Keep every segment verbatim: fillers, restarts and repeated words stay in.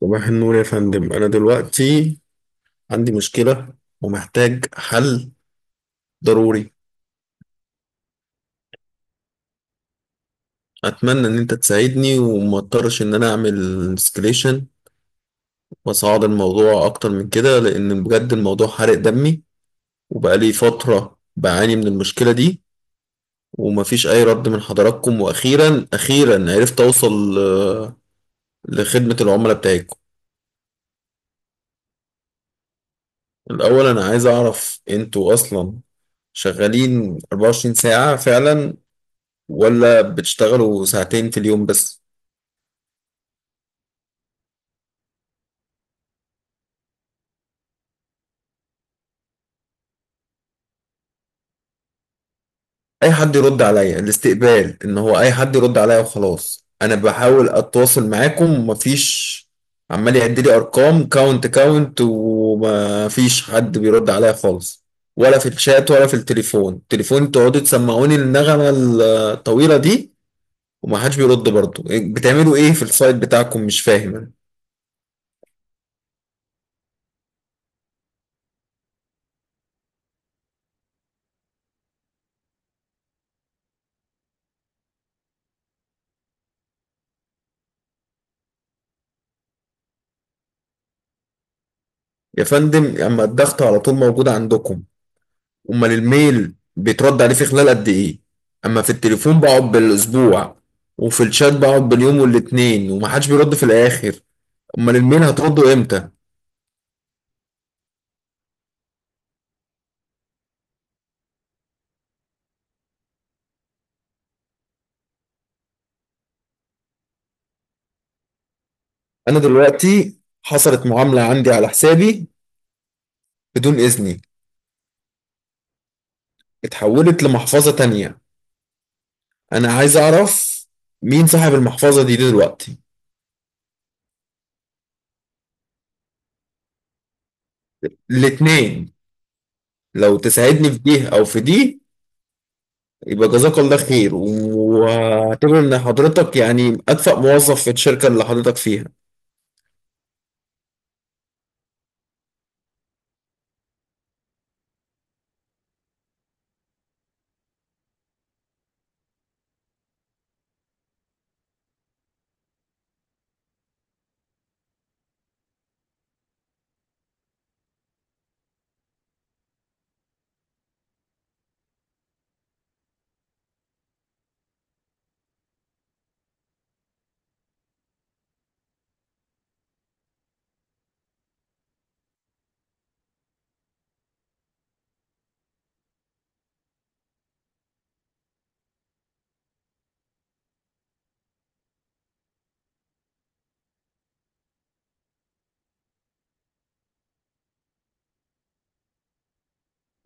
صباح النور يا فندم، أنا دلوقتي عندي مشكلة ومحتاج حل ضروري. أتمنى إن أنت تساعدني وما اضطرش إن أنا أعمل اسكليشن وأصعد الموضوع أكتر من كده، لأن بجد الموضوع حرق دمي وبقالي فترة بعاني من المشكلة دي ومفيش أي رد من حضراتكم. وأخيرا أخيرا عرفت أوصل آه، لخدمة العملاء بتاعتكم. الأول أنا عايز أعرف، أنتوا أصلا شغالين 24 ساعة فعلا ولا بتشتغلوا ساعتين في اليوم بس؟ اي حد يرد عليا الاستقبال، ان هو اي حد يرد عليا وخلاص. انا بحاول اتواصل معاكم، مفيش، عمال يعد لي ارقام كاونت كاونت، ومفيش حد بيرد عليا خالص، ولا في الشات ولا في التليفون التليفون تقعدوا تسمعوني النغمة الطويلة دي ومحدش بيرد برضه. إيه، بتعملوا ايه في السايت بتاعكم؟ مش فاهم أنا. يا فندم، اما الضغط على طول موجود عندكم، امال الميل بيترد عليه في خلال قد ايه؟ اما في التليفون بقعد بالاسبوع، وفي الشات بقعد باليوم والاتنين ومحدش بيرد في الاخر. امال الميل هترده امتى؟ انا دلوقتي حصلت معاملة عندي على حسابي بدون اذني، اتحولت لمحفظة تانية. انا عايز اعرف مين صاحب المحفظة دي دلوقتي. الاتنين، لو تساعدني في دي او في دي يبقى جزاك الله خير، واعتبر ان حضرتك يعني اكفأ موظف في الشركة اللي حضرتك فيها.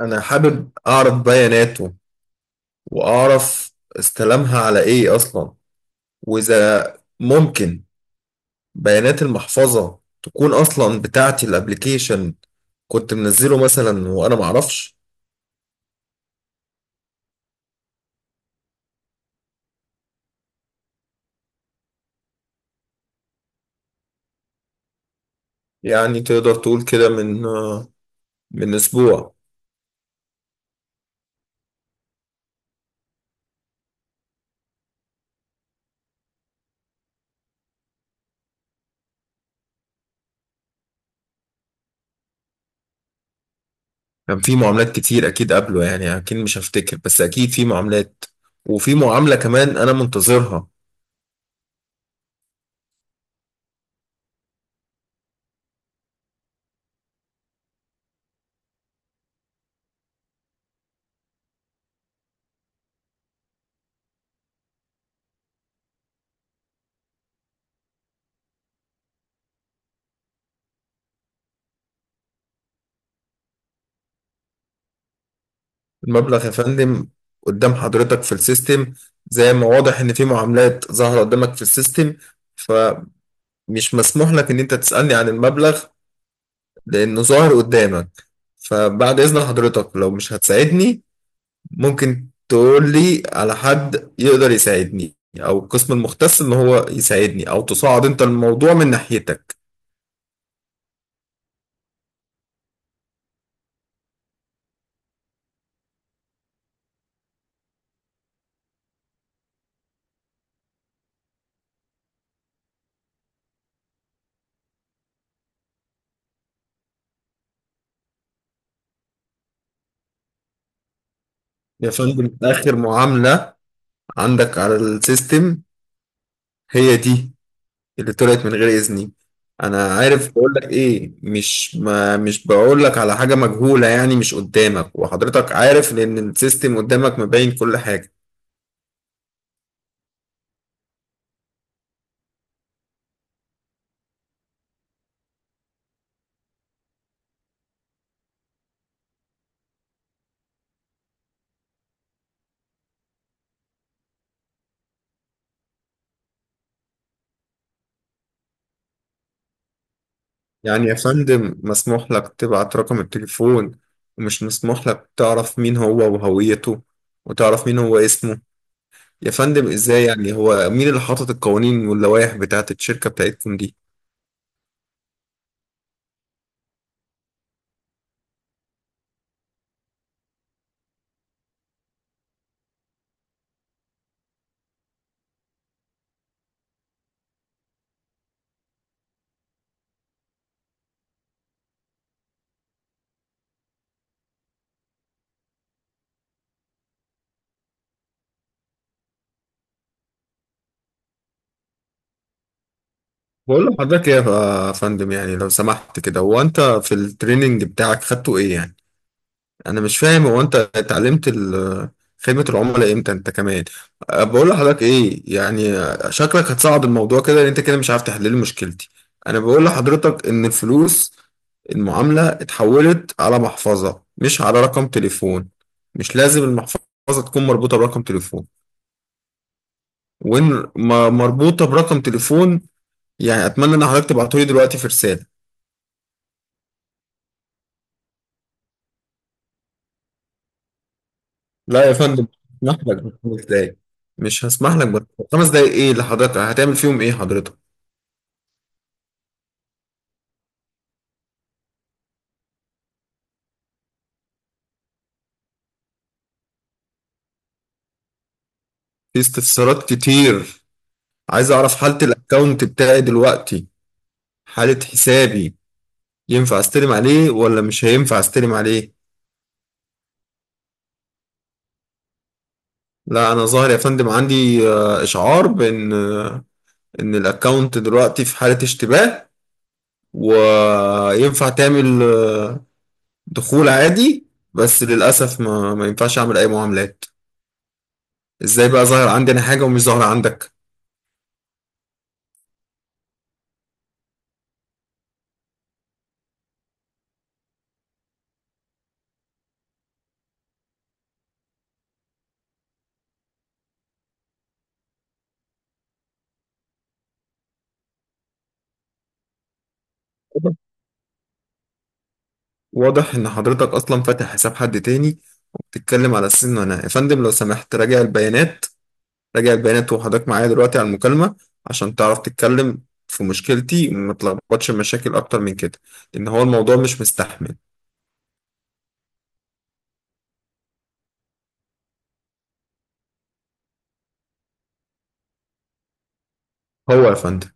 انا حابب اعرف بياناته، واعرف استلمها على ايه اصلا، واذا ممكن بيانات المحفظة تكون اصلا بتاعتي، الابليكيشن كنت منزله مثلا وانا معرفش. يعني تقدر تقول كده، من من اسبوع. كان في معاملات كتير اكيد قبله، يعني اكيد مش هفتكر، بس اكيد في معاملات، وفي معاملة كمان انا منتظرها. المبلغ يا فندم قدام حضرتك في السيستم، زي ما واضح ان في معاملات ظاهرة قدامك في السيستم، فمش مسموح لك ان انت تسألني عن المبلغ لانه ظاهر قدامك. فبعد اذن حضرتك، لو مش هتساعدني، ممكن تقول لي على حد يقدر يساعدني، او القسم المختص ان هو يساعدني، او تصعد انت الموضوع من ناحيتك. يا فندم، اخر معاملة عندك على السيستم هي دي، اللي طلعت من غير إذني. أنا عارف، بقول لك إيه، مش ما مش بقول لك على حاجة مجهولة. يعني مش قدامك؟ وحضرتك عارف، لأن السيستم قدامك مبين كل حاجة. يعني يا فندم، مسموح لك تبعت رقم التليفون، ومش مسموح لك تعرف مين هو وهويته، وتعرف مين هو اسمه؟ يا فندم إزاي؟ يعني هو مين اللي حاطط القوانين واللوائح بتاعت الشركة بتاعتكم دي؟ بقول لحضرتك يا فندم، يعني لو سمحت كده، هو أنت في التريننج بتاعك خدته إيه يعني؟ انا مش فاهم، هو انت اتعلمت ال- خدمة العملاء امتى انت كمان؟ أه، بقول لحضرتك ايه يعني، أه، شكلك هتصعد الموضوع كده، لان انت كده مش عارف تحل لي مشكلتي. انا بقول لحضرتك ان الفلوس، المعاملة، اتحولت على محفظة مش على رقم تليفون. مش لازم المحفظة تكون مربوطة برقم تليفون. وان م- مربوطة برقم تليفون، يعني اتمنى ان حضرتك تبعته لي دلوقتي في رسالة. لا يا فندم، مش هسمح لك بخمس دقايق، مش هسمح لك بخمس دقايق. ايه اللي حضرتك هتعمل فيهم؟ ايه حضرتك؟ في استفسارات كتير. عايز اعرف حالة الاكونت بتاعي دلوقتي، حالة حسابي. ينفع استلم عليه ولا مش هينفع استلم عليه؟ لا انا ظاهر يا فندم عندي آه، اشعار بان آه، ان الاكونت دلوقتي في حالة اشتباه، وينفع تعمل آه، دخول عادي، بس للاسف ما ما ينفعش اعمل اي معاملات. ازاي بقى ظاهر عندي انا حاجة ومش ظاهرة عندك؟ واضح إن حضرتك أصلا فاتح حساب حد تاني، وبتتكلم على السن. وأنا يا فندم لو سمحت راجع البيانات، راجع البيانات وحضرتك معايا دلوقتي على المكالمة، عشان تعرف تتكلم في مشكلتي وما تلخبطش مشاكل أكتر من كده، لأن هو الموضوع مش مستحمل. هو يا فندم.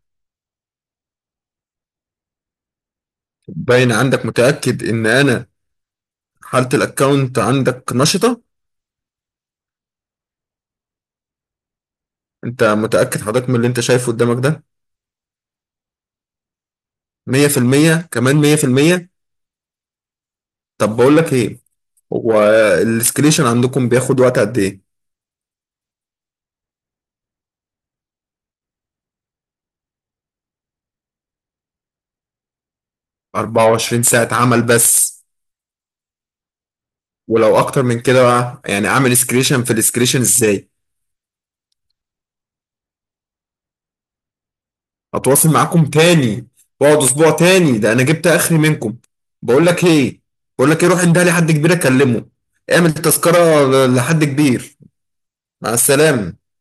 باين عندك، متأكد إن أنا حالة الأكاونت عندك نشطة؟ أنت متأكد حضرتك من اللي أنت شايفه قدامك ده؟ مية في المية كمان مية في المية؟ طب بقول لك إيه، هو الاسكليشن عندكم بياخد وقت قد إيه؟ 24 ساعة عمل بس؟ ولو اكتر من كده بقى يعني، اعمل اسكريشن في الاسكريشن ازاي؟ هتواصل معاكم تاني واقعد اسبوع تاني؟ ده انا جبت اخري منكم. بقول لك ايه، بقول لك ايه، روح عندها لحد كبير اكلمه، اعمل تذكرة لحد كبير. مع السلامة.